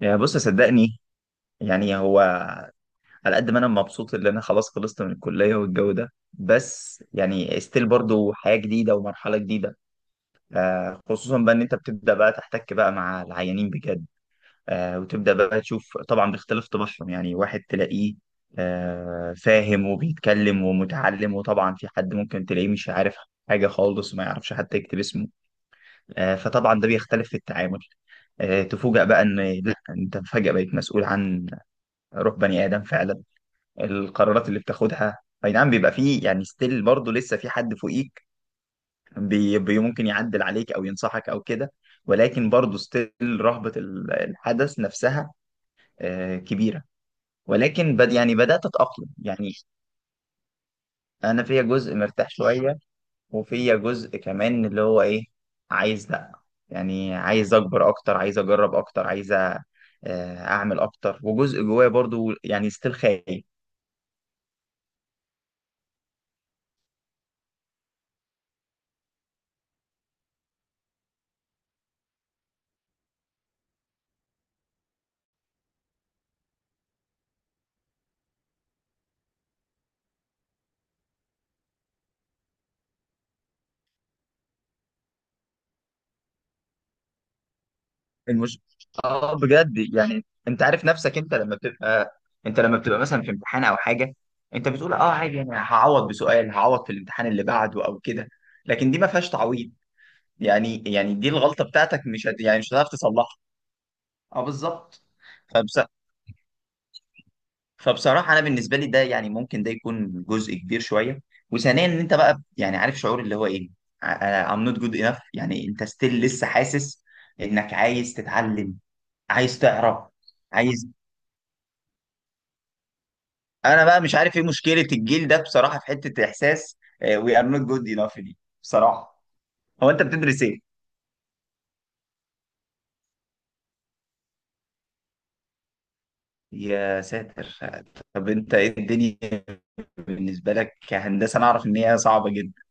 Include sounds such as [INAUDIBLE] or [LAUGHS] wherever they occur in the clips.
يا بص، صدقني. يعني هو، على قد ما انا مبسوط ان انا خلاص خلصت من الكليه والجو ده، بس يعني ستيل برضو حياه جديده ومرحله جديده. خصوصا بقى ان انت بتبدا بقى تحتك بقى مع العيانين بجد. وتبدا بقى تشوف طبعا باختلاف طباعهم. يعني واحد تلاقيه فاهم وبيتكلم ومتعلم، وطبعا في حد ممكن تلاقيه مش عارف حاجه خالص وما يعرفش حتى يكتب اسمه. فطبعا ده بيختلف في التعامل. تفوجأ بقى ان، لا، انت فجأة بقيت مسؤول عن روح بني ادم فعلا، القرارات اللي بتاخدها. اي نعم، بيبقى فيه يعني ستيل برضه لسه في حد فوقيك، بي بي، ممكن يعدل عليك او ينصحك او كده، ولكن برضه ستيل رهبة الحدث نفسها كبيرة. ولكن بد يعني بدأت أتأقلم يعني. أنا فيا جزء مرتاح شوية، وفيا جزء كمان اللي هو إيه، عايز، لأ، يعني عايز أكبر أكتر، عايز أجرب أكتر، عايز أعمل أكتر. وجزء جوايا برضه يعني ستيل خايف. المش... اه بجد، يعني انت عارف نفسك انت لما بتبقى مثلا في امتحان او حاجه، انت بتقول اه عادي، يعني هعوض بسؤال، هعوض في الامتحان اللي بعده او كده. لكن دي ما فيهاش تعويض. يعني دي الغلطه بتاعتك، مش هت... يعني مش هتعرف تصلحها. اه بالظبط. فبص... فبصراحه انا بالنسبه لي، ده يعني ممكن ده يكون جزء كبير شويه. وثانيا ان انت بقى يعني عارف شعور اللي هو ايه، I- I'm not good enough. يعني انت ستيل لسه حاسس انك عايز تتعلم، عايز تعرف، عايز. انا بقى مش عارف ايه مشكله الجيل ده بصراحه، في حته احساس وي ار نوت جود انف دي بصراحه. هو انت بتدرس ايه؟ يا ساتر. طب انت ايه الدنيا بالنسبه لك كهندسه؟ انا اعرف ان هي صعبه جدا.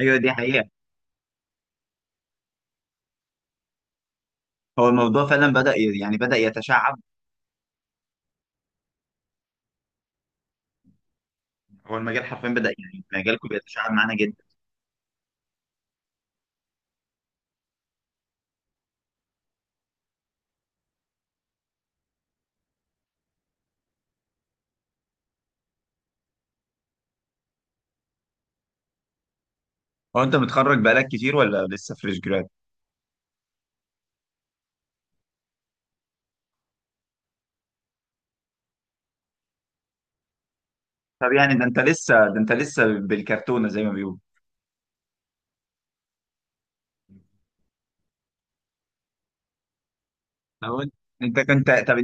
ايوه دي حقيقه. هو الموضوع فعلا بدا يعني بدا يتشعب. هو المجال حرفيا بدا، يعني مجالكم بيتشعب معانا جدا. هو انت متخرج بقالك كتير ولا لسه فريش جراد؟ طب يعني ده انت لسه بالكرتونه زي ما بيقولوا. هو انت كنت طب؟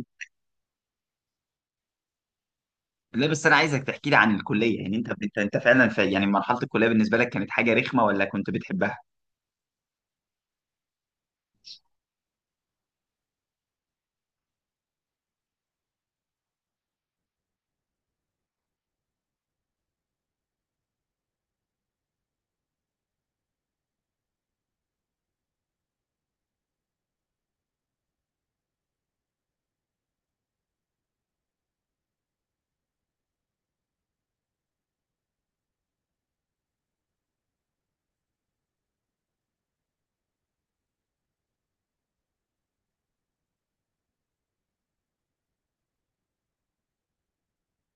لا بس انا عايزك تحكي لي عن الكليه. يعني انت فعلا في يعني مرحله الكليه بالنسبه لك كانت حاجه رخمه ولا كنت بتحبها؟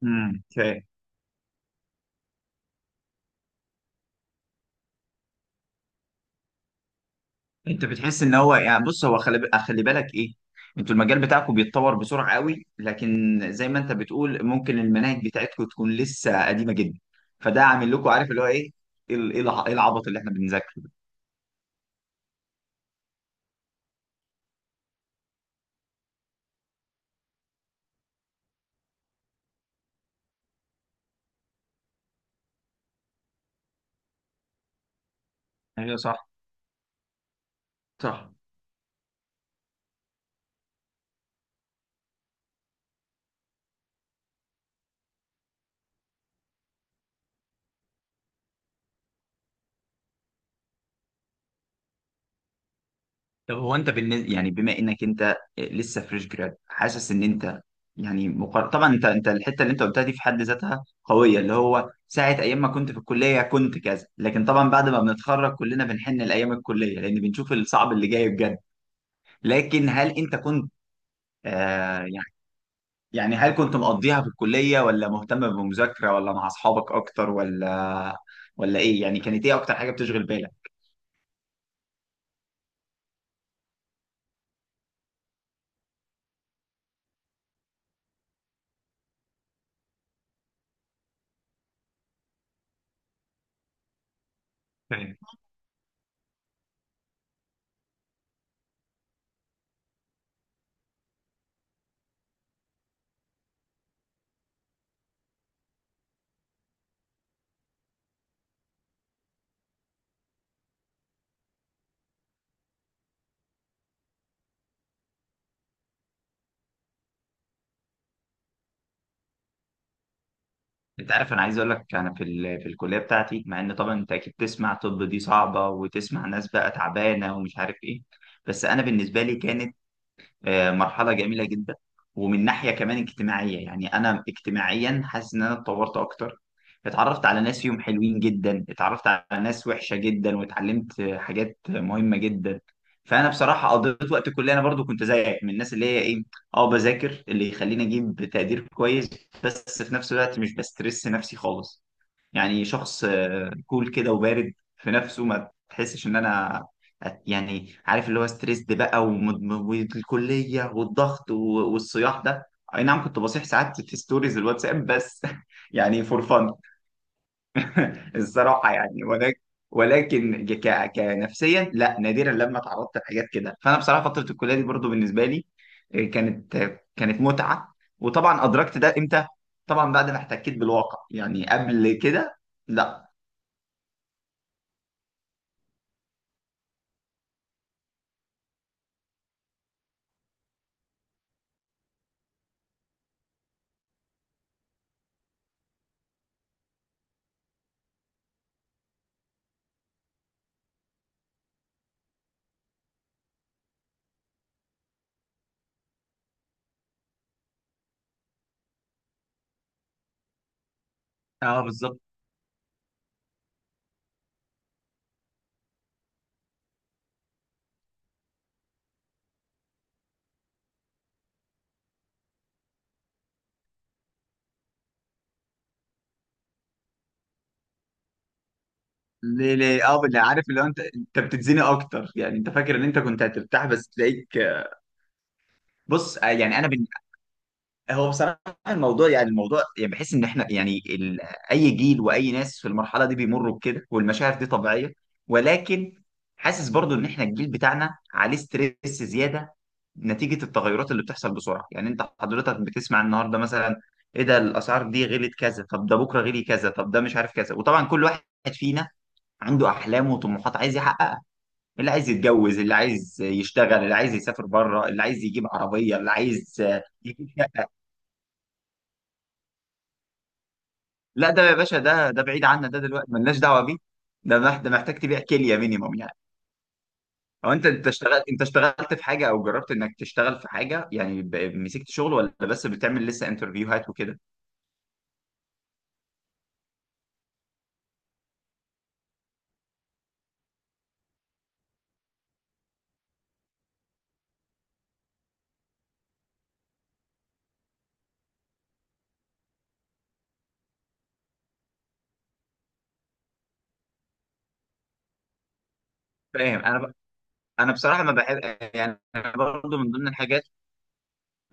امم، اوكي. انت بتحس ان هو يعني، بص، هو خلي خلي بالك ايه، انتوا المجال بتاعكم بيتطور بسرعه قوي، لكن زي ما انت بتقول ممكن المناهج بتاعتكم تكون لسه قديمه جدا. فده عامل لكم عارف اللي هو ايه، ال- ايه الع- إيه العبط اللي احنا بنذاكره ده. ايوه صح. صح. طب هو انت بالنسبه، يعني بما انك انت لسه فريش جراد، حاسس ان انت طبعا انت الحته اللي انت قلتها دي في حد ذاتها قويه، اللي هو ساعه ايام ما كنت في الكليه كنت كذا، لكن طبعا بعد ما بنتخرج كلنا بنحن لايام الكليه، لان بنشوف الصعب اللي جاي بجد. لكن هل انت كنت، آه يعني يعني هل كنت مقضيها في الكليه، ولا مهتم بالمذاكره، ولا مع اصحابك اكتر، ولا ولا ايه؟ يعني كانت ايه اكتر حاجه بتشغل بالك؟ انت عارف، انا عايز اقول لك، انا في في الكليه بتاعتي، مع ان طبعا انت اكيد تسمع طب دي صعبه، وتسمع ناس بقى تعبانه ومش عارف ايه، بس انا بالنسبه لي كانت مرحلة جميلة جدا. ومن ناحية كمان اجتماعية، يعني أنا اجتماعيا حاسس إن أنا اتطورت أكتر. اتعرفت على ناس فيهم حلوين جدا، اتعرفت على ناس وحشة جدا، واتعلمت حاجات مهمة جدا. فأنا بصراحة قضيت وقت الكلية، أنا برضو كنت زيك من الناس اللي هي إيه، أه بذاكر اللي يخليني أجيب تقدير كويس، بس في نفس الوقت مش بسترس نفسي خالص. يعني شخص كول كده وبارد في نفسه، ما تحسش ان انا يعني عارف اللي هو ستريسد بقى، والكليه والضغط والصياح ده. اي نعم كنت بصيح ساعات في ستوريز الواتساب بس [LAUGHS] يعني فور فن. [LAUGHS] الصراحه يعني. ولكن، ولكن ك... كنفسيا، لا، نادرا لما تعرضت لحاجات كده. فانا بصراحه فتره الكليه دي برضو بالنسبه لي كانت، كانت متعه. وطبعا ادركت ده امتى؟ طبعا بعد ما احتكيت بالواقع، يعني قبل كده لا. اه بالظبط. ليه ليه اه، اللي عارف اللي هو انت بتتزني اكتر. يعني انت فاكر ان انت كنت هترتاح بس تلاقيك. بص، يعني هو بصراحه الموضوع، يعني بحس ان احنا يعني اي جيل واي ناس في المرحله دي بيمروا بكده، والمشاعر دي طبيعيه. ولكن حاسس برضو ان احنا الجيل بتاعنا عليه ستريس زياده، نتيجه التغيرات اللي بتحصل بسرعه. يعني انت حضرتك بتسمع النهارده مثلا، ايه ده؟ الاسعار دي غلت كذا، طب ده بكره غلي كذا، طب ده مش عارف كذا. وطبعا كل واحد فينا عنده احلام وطموحات عايز يحققها. اللي عايز يتجوز، اللي عايز يشتغل، اللي عايز يسافر بره، اللي عايز يجيب عربيه، اللي عايز يجيب شقه. لا ده يا باشا، ده بعيد عنا، ده دلوقتي ملناش دعوه بيه. ده محتاج تبيع كليه مينيموم يعني. او انت، انت اشتغلت في حاجه، او جربت انك تشتغل في حاجه يعني، مسكت شغل، ولا بس بتعمل لسه انترفيوهات وكده؟ فاهم. انا بصراحه ما بحب يعني، برضه من ضمن الحاجات،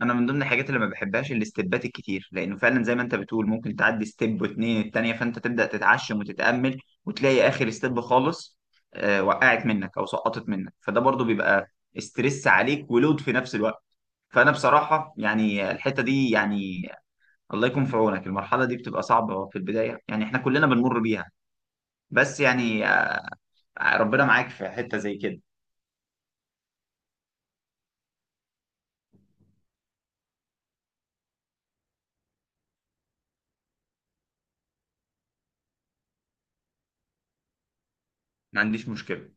اللي ما بحبهاش الاستبات الكتير، لانه فعلا زي ما انت بتقول ممكن تعدي ستيب واتنين التانية، فانت تبدا تتعشم وتتامل، وتلاقي اخر ستيب خالص وقعت منك او سقطت منك. فده برضو بيبقى استرس عليك ولود في نفس الوقت. فانا بصراحه يعني الحته دي يعني، الله يكون في عونك. المرحله دي بتبقى صعبه في البدايه، يعني احنا كلنا بنمر بيها. بس يعني ربنا معاك في حته زي كده. ما عنديش مشكله.